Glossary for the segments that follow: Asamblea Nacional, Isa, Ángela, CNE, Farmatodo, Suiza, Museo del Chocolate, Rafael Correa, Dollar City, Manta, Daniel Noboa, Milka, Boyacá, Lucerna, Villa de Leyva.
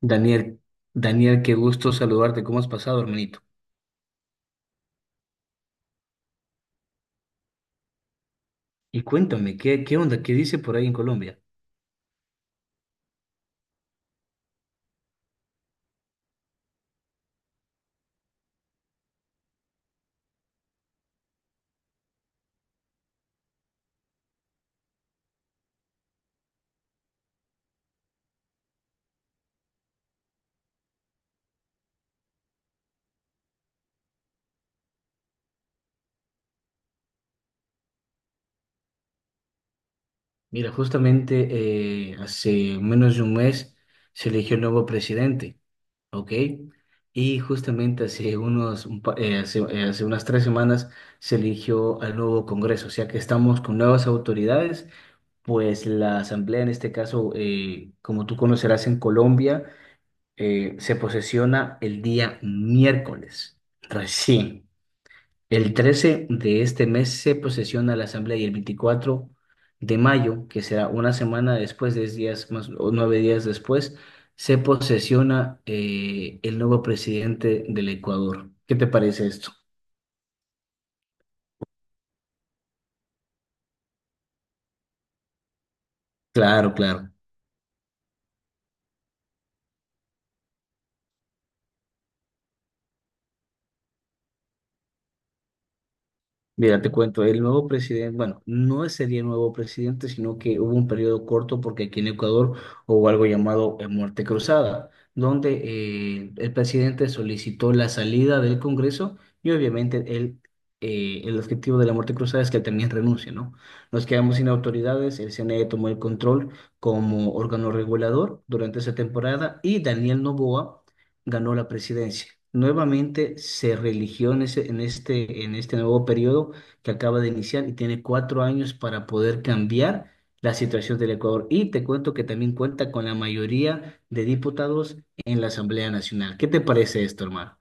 Daniel, Daniel, qué gusto saludarte. ¿Cómo has pasado, hermanito? Y cuéntame, ¿qué onda? ¿Qué dice por ahí en Colombia? Mira, justamente hace menos de un mes se eligió el nuevo presidente, ¿ok? Y justamente hace unos, un pa- hace, hace unas tres semanas se eligió al nuevo Congreso, o sea que estamos con nuevas autoridades, pues la Asamblea en este caso, como tú conocerás en Colombia, se posesiona el día miércoles, recién. El 13 de este mes se posesiona la asamblea y el 24 de mayo, que será una semana después, 10 días más o 9 días después, se posesiona el nuevo presidente del Ecuador. ¿Qué te parece esto? Claro, claro. Mira, te cuento, el nuevo presidente, bueno, no sería el nuevo presidente, sino que hubo un periodo corto porque aquí en Ecuador hubo algo llamado muerte cruzada, donde el presidente solicitó la salida del Congreso y obviamente el objetivo de la muerte cruzada es que él también renuncie, ¿no? Nos quedamos sin autoridades, el CNE tomó el control como órgano regulador durante esa temporada y Daniel Noboa ganó la presidencia. Nuevamente se reeligió en en este nuevo periodo que acaba de iniciar y tiene 4 años para poder cambiar la situación del Ecuador. Y te cuento que también cuenta con la mayoría de diputados en la Asamblea Nacional. ¿Qué te parece esto, hermano?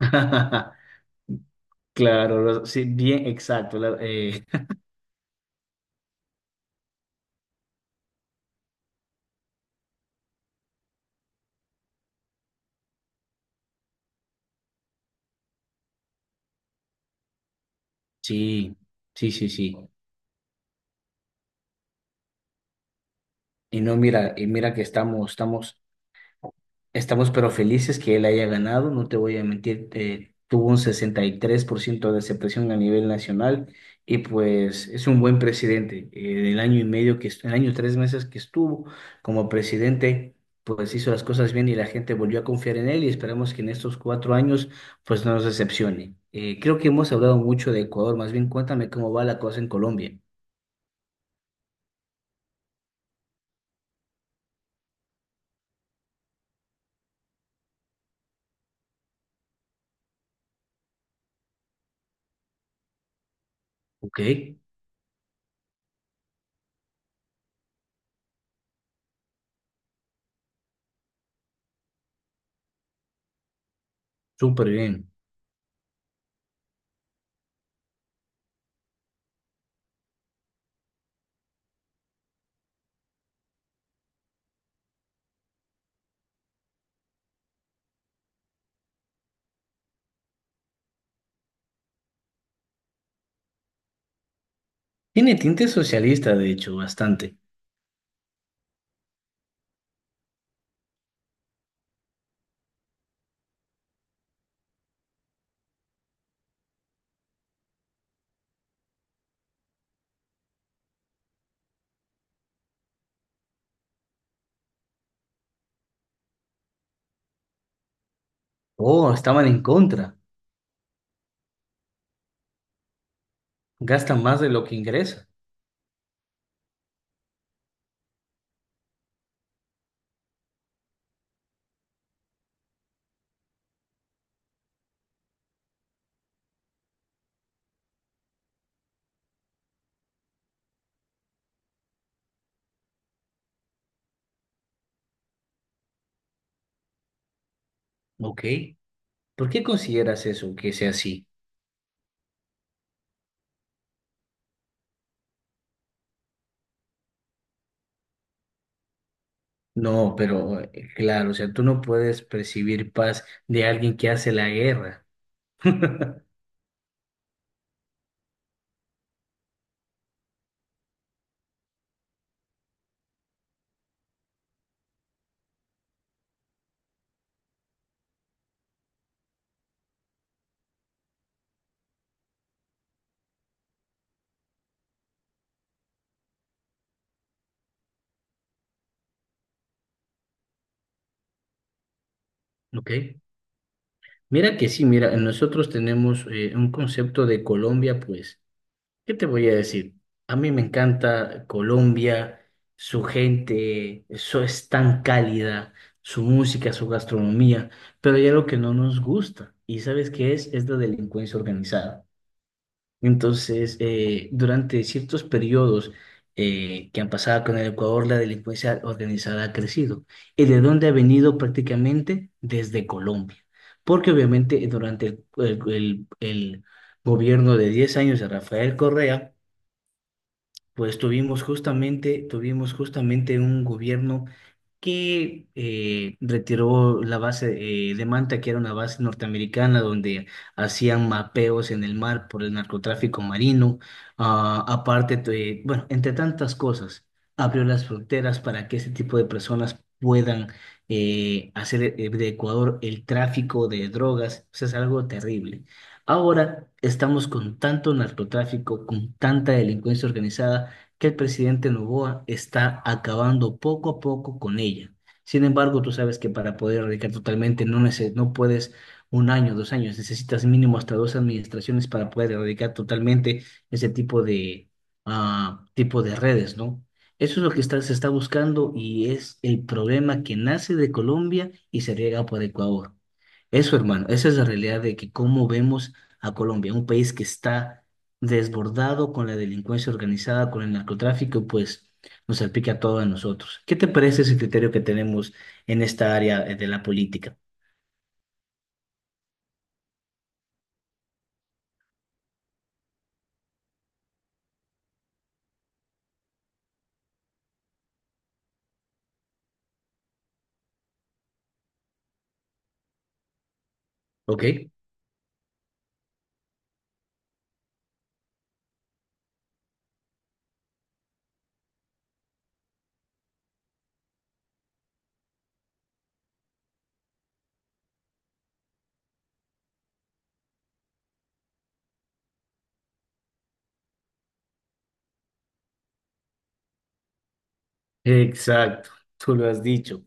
Claro, sí, bien, exacto. Sí, sí, sí, sí. Y no, mira, y mira que estamos pero felices que él haya ganado, no te voy a mentir, tuvo un 63% de aceptación a nivel nacional y pues es un buen presidente. El año y tres meses que estuvo como presidente, pues hizo las cosas bien y la gente volvió a confiar en él y esperamos que en estos 4 años pues no nos decepcione. Creo que hemos hablado mucho de Ecuador, más bien cuéntame cómo va la cosa en Colombia. Ok, súper bien. Tiene tinte socialista, de hecho, bastante. Oh, estaban en contra. Gasta más de lo que ingresa. Ok, ¿por qué consideras eso que sea así? No, pero claro, o sea, tú no puedes percibir paz de alguien que hace la guerra. Ok. Mira que sí, mira, nosotros tenemos un concepto de Colombia, pues, ¿qué te voy a decir? A mí me encanta Colombia, su gente, eso es tan cálida, su música, su gastronomía, pero hay algo que no nos gusta, ¿y sabes qué es? Es la delincuencia organizada. Entonces, durante ciertos periodos que han pasado con el Ecuador, la delincuencia organizada ha crecido. ¿Y de dónde ha venido prácticamente? Desde Colombia. Porque obviamente durante el gobierno de 10 años de Rafael Correa, pues tuvimos justamente un gobierno que retiró la base de Manta, que era una base norteamericana donde hacían mapeos en el mar por el narcotráfico marino. Ah, aparte, bueno, entre tantas cosas, abrió las fronteras para que ese tipo de personas puedan hacer de Ecuador el tráfico de drogas. O sea, es algo terrible. Ahora estamos con tanto narcotráfico, con tanta delincuencia organizada, que el presidente Noboa está acabando poco a poco con ella. Sin embargo, tú sabes que para poder erradicar totalmente no, no puedes un año, dos años, necesitas mínimo hasta dos administraciones para poder erradicar totalmente ese tipo de redes, ¿no? Eso es lo que se está buscando y es el problema que nace de Colombia y se riega por Ecuador. Eso, hermano, esa es la realidad de que cómo vemos a Colombia, un país que está desbordado con la delincuencia organizada, con el narcotráfico, pues nos salpica a todos nosotros. ¿Qué te parece ese criterio que tenemos en esta área de la política? ¿Ok? Exacto, tú lo has dicho.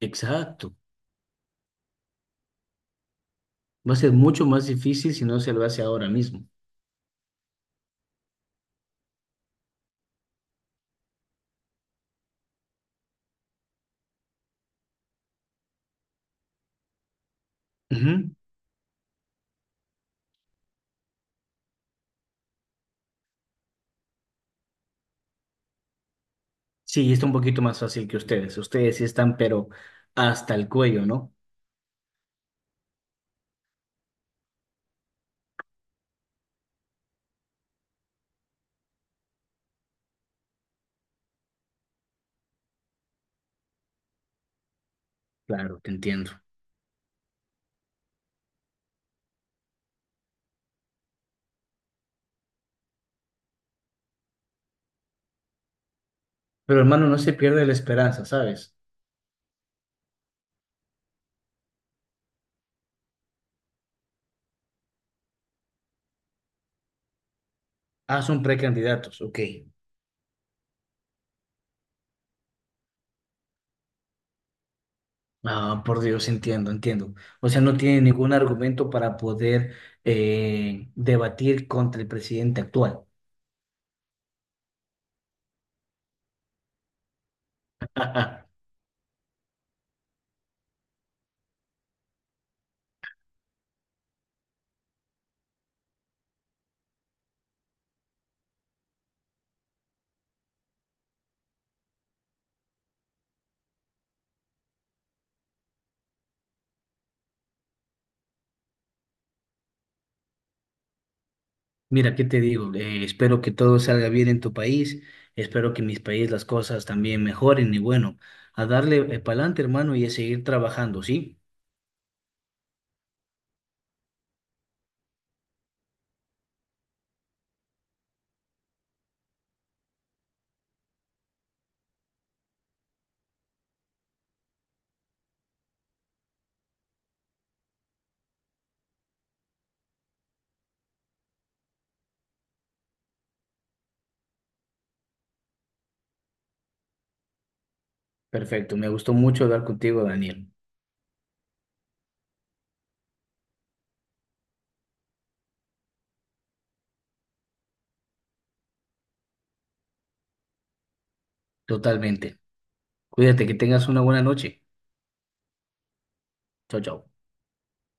Exacto. Va a ser mucho más difícil si no se lo hace ahora mismo. Ujú. Sí, está un poquito más fácil que ustedes. Ustedes sí están, pero hasta el cuello, ¿no? Claro, te entiendo. Pero hermano, no se pierde la esperanza, ¿sabes? Ah, son precandidatos, ok. Ah, por Dios, entiendo, entiendo. O sea, no tiene ningún argumento para poder debatir contra el presidente actual. Mira, ¿qué te digo? Espero que todo salga bien en tu país. Espero que en mis países las cosas también mejoren. Y bueno, a darle para adelante, hermano, y a seguir trabajando, ¿sí? Perfecto. Me gustó mucho hablar contigo, Daniel. Totalmente. Cuídate, que tengas una buena noche. Chao, chao.